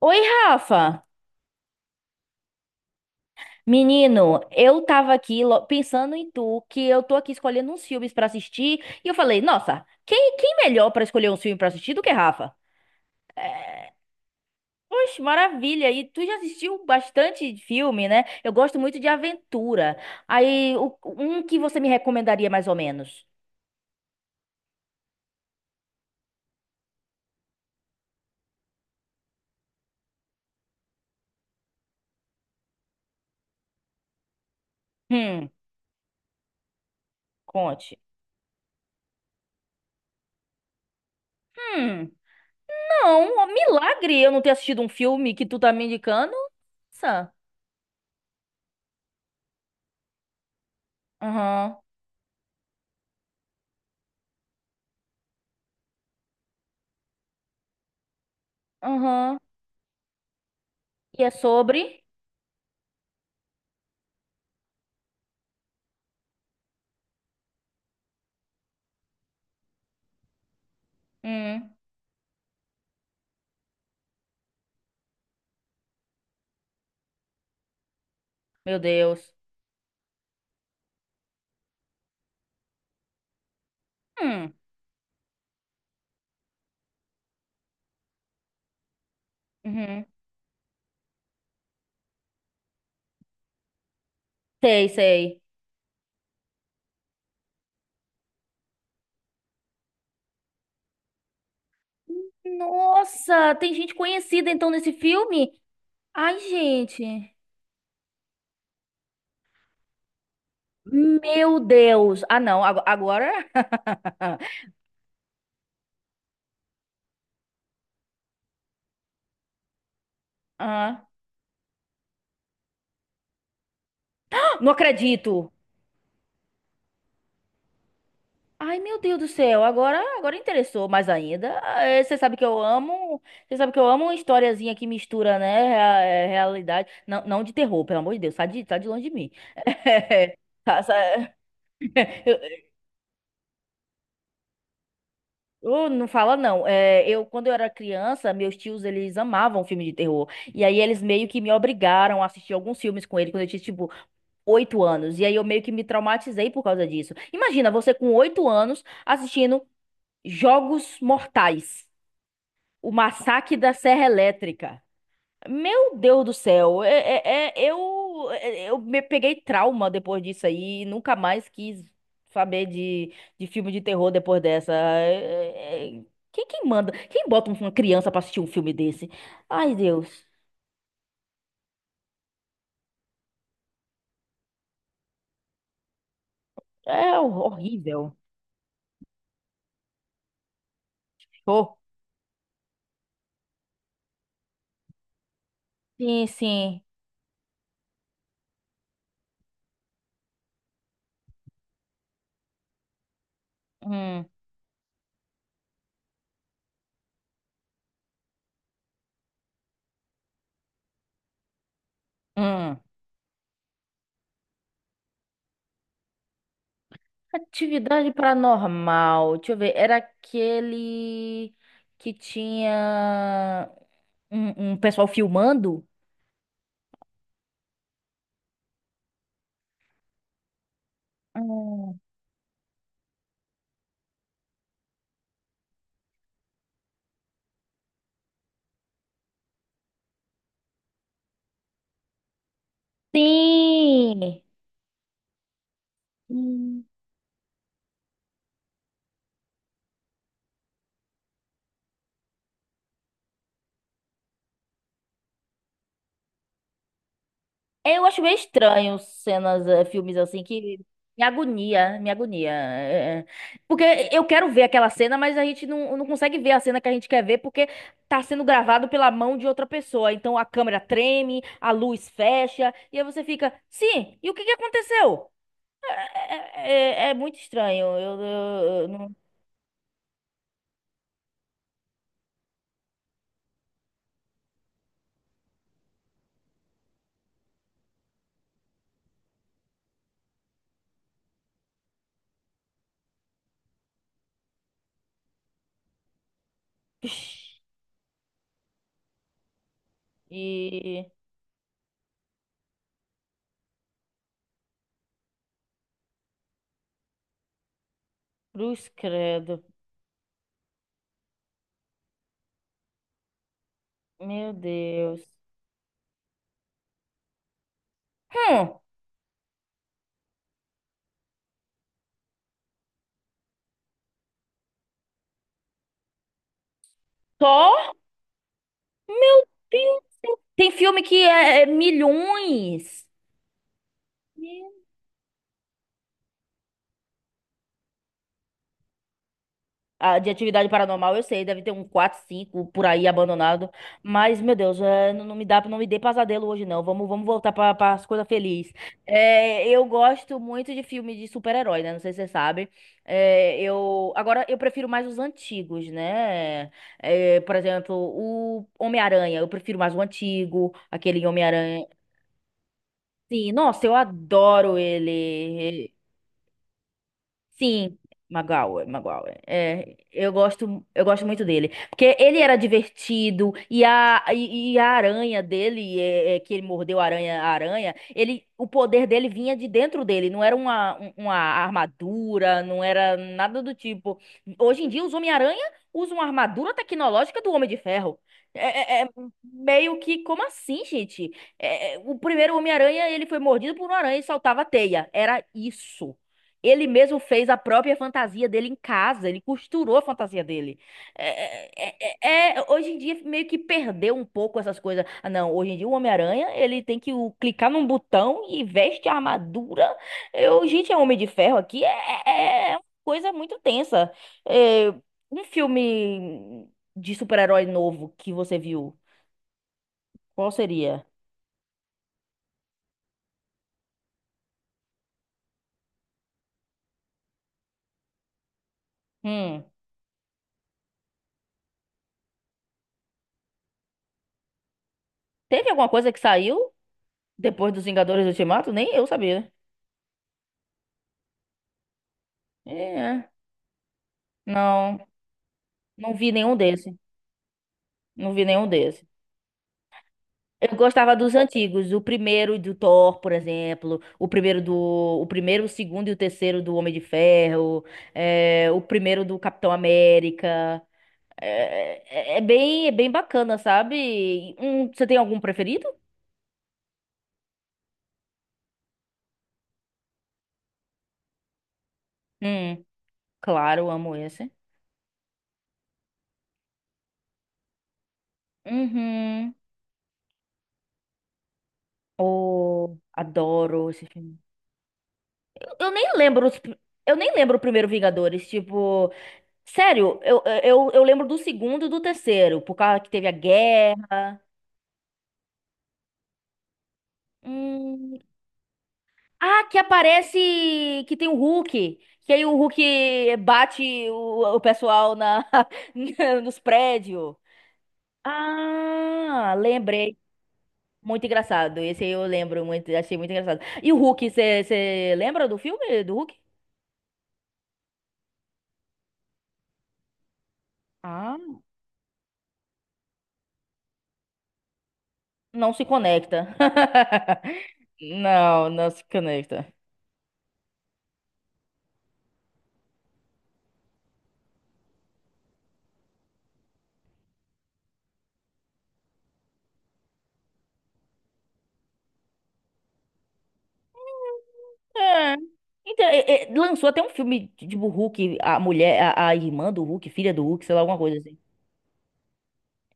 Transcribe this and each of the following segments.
Oi, Rafa! Menino, eu tava aqui pensando em tu, que eu tô aqui escolhendo uns filmes pra assistir, e eu falei, nossa, quem melhor pra escolher um filme pra assistir do que Rafa? É, poxa, maravilha! E tu já assistiu bastante filme, né? Eu gosto muito de aventura. Aí, um que você me recomendaria mais ou menos? Hum, conte. Hum, não, ó, milagre eu não ter assistido um filme que tu tá me indicando. Nossa. Aham, aham. E é sobre? Hum. Meu Deus. Hum. Uhum. Sei, sei. Nossa, tem gente conhecida então nesse filme? Ai, gente. Meu Deus. Ah, não, agora. Ah, não acredito. Ai, meu Deus do céu. Agora, agora interessou mais ainda. Eh, Você sabe que eu amo, você sabe que eu amo uma historiazinha que mistura, né, realidade. Não, não de terror, pelo amor de Deus, sai de longe de mim. Tá, não fala não. É, eu quando eu era criança, meus tios eles amavam filme de terror. E aí eles meio que me obrigaram a assistir alguns filmes com ele quando eu tinha tipo 8 anos. E aí eu meio que me traumatizei por causa disso. Imagina você com 8 anos assistindo Jogos Mortais, o Massacre da Serra Elétrica. Meu Deus do céu, eu me peguei trauma depois disso aí, nunca mais quis saber de filme de terror depois dessa. É- é- quem manda? Quem bota uma criança pra assistir um filme desse? Ai, Deus, é horrível. Show. Sim, sim. Hum, hum. Atividade paranormal, deixa eu ver, era aquele que tinha um pessoal filmando? Hum. Sim. Hum. Eu acho meio estranho cenas, filmes assim que me agonia, me agonia. É, é. Porque eu quero ver aquela cena, mas a gente não consegue ver a cena que a gente quer ver porque tá sendo gravado pela mão de outra pessoa. Então a câmera treme, a luz fecha, e aí você fica, sim, e o que que aconteceu? É, é muito estranho. Eu não. Ixi, e. Cruz credo. Meu Deus. Hum. Só? Meu Deus! Tem filme que é, é milhões. Meu, ah, de atividade paranormal, eu sei, deve ter um quatro 5 por aí abandonado. Mas, meu Deus, é, não, não me dá, não me dê pesadelo hoje, não. Vamos voltar para as coisas felizes. É, eu gosto muito de filme de super-herói, né? Não sei se você sabe. É, eu, agora, eu prefiro mais os antigos, né? É, por exemplo, o Homem-Aranha. Eu prefiro mais o antigo, aquele Homem-Aranha. Sim, nossa, eu adoro ele. Sim, Magal, Magal. É, eu gosto muito dele, porque ele era divertido e a aranha dele, que ele mordeu a aranha, ele, o poder dele vinha de dentro dele, não era uma armadura, não era nada do tipo. Hoje em dia os Homem-Aranha usam a armadura tecnológica do Homem de Ferro. É, é- é meio que, como assim, gente? O primeiro Homem-Aranha, ele foi mordido por uma aranha e saltava teia. Era isso. Ele mesmo fez a própria fantasia dele em casa, ele costurou a fantasia dele. Hoje em dia meio que perdeu um pouco essas coisas. Ah, não, hoje em dia o Homem-Aranha, ele tem que clicar num botão e veste a armadura. Eu, gente, é Homem de Ferro aqui, uma coisa muito tensa. É, um filme de super-herói novo que você viu, qual seria? Hum, teve alguma coisa que saiu depois dos Vingadores Ultimato? Nem eu sabia. É, não. Não vi nenhum desse. Não vi nenhum desse. Eu gostava dos antigos, o primeiro do Thor, por exemplo, o primeiro, o segundo e o terceiro do Homem de Ferro, o primeiro do Capitão América. É, bem bacana, sabe? Você tem algum preferido? Hum, claro, amo esse. Uhum. Oh, adoro esse filme. Eu, eu nem lembro os, pr- eu nem lembro o primeiro Vingadores, tipo, sério, eu lembro do segundo e do terceiro, por causa que teve a guerra. Hum. Ah, que aparece que tem o Hulk. Que aí o Hulk bate o pessoal na, nos prédios. Ah, lembrei. Muito engraçado. Esse aí eu lembro muito, achei muito engraçado. E o Hulk, você lembra do filme do Hulk? Ah, não se conecta. Não, não se conecta. É. Então, lançou até um filme de- tipo Hulk, a mulher, a irmã do Hulk, filha do Hulk, sei lá, alguma coisa assim.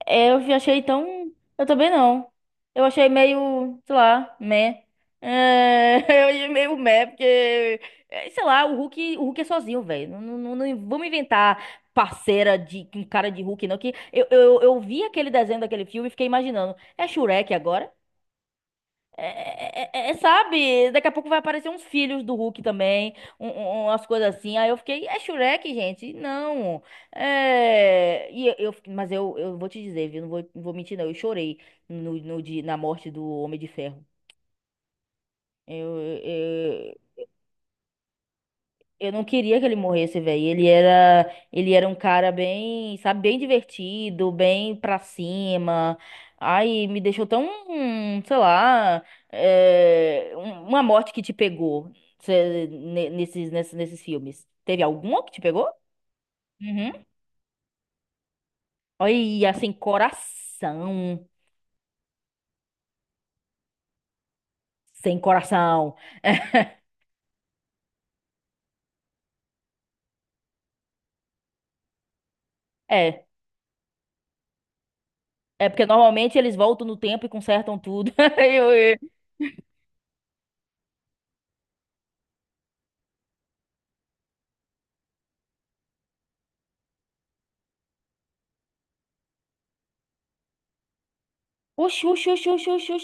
É, eu achei tão. Eu também não. Eu achei meio, sei lá, meh. É, eu achei meio meh, porque, sei lá, o Hulk é sozinho, velho. Não, não, não, não vamos inventar parceira de com cara de Hulk, não. Que eu vi aquele desenho daquele filme e fiquei imaginando. É Shurek agora? Sabe, daqui a pouco vai aparecer uns filhos do Hulk também, um, um- umas coisas assim. Aí eu fiquei, é Shrek, gente? Não. É, mas eu vou te dizer, viu? Não vou, não vou mentir, não. Eu chorei no, no, dia- na morte do Homem de Ferro. Eu, Eu não queria que ele morresse, velho. Ele era um cara bem, sabe, bem divertido, bem pra cima. Ai, me deixou tão, sei lá, uma morte que te pegou nesses filmes. Teve alguma que te pegou? Uhum. Olha, sem coração. Sem coração. É, é porque normalmente eles voltam no tempo e consertam tudo. Aí eu- oxi, oxi, oxi, oxi, oxi,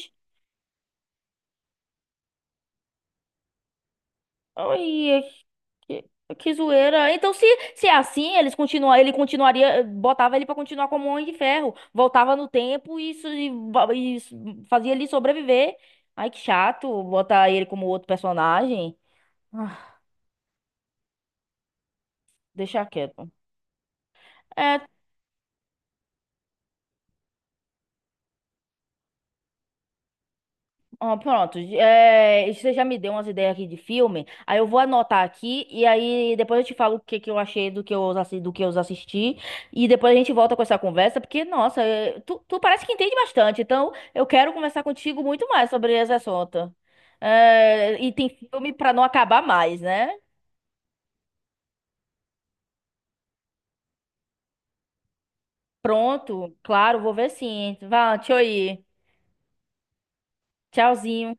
oxi. Que, que zoeira. Então, se é assim, eles continua, ele continuaria, botava ele pra continuar como um Homem de Ferro. Voltava no tempo e fazia ele sobreviver. Ai, que chato botar ele como outro personagem. Ah, deixa quieto. É, ó, pronto, você já me deu umas ideias aqui de filme, aí eu vou anotar aqui e aí depois eu te falo o que eu achei do que do que eu assisti e depois a gente volta com essa conversa, porque, nossa, é, tu parece que entende bastante, então eu quero conversar contigo muito mais sobre esse assunto. É, e tem filme pra não acabar mais, né? Pronto, claro, vou ver sim. Vá, tchau aí. Tchauzinho.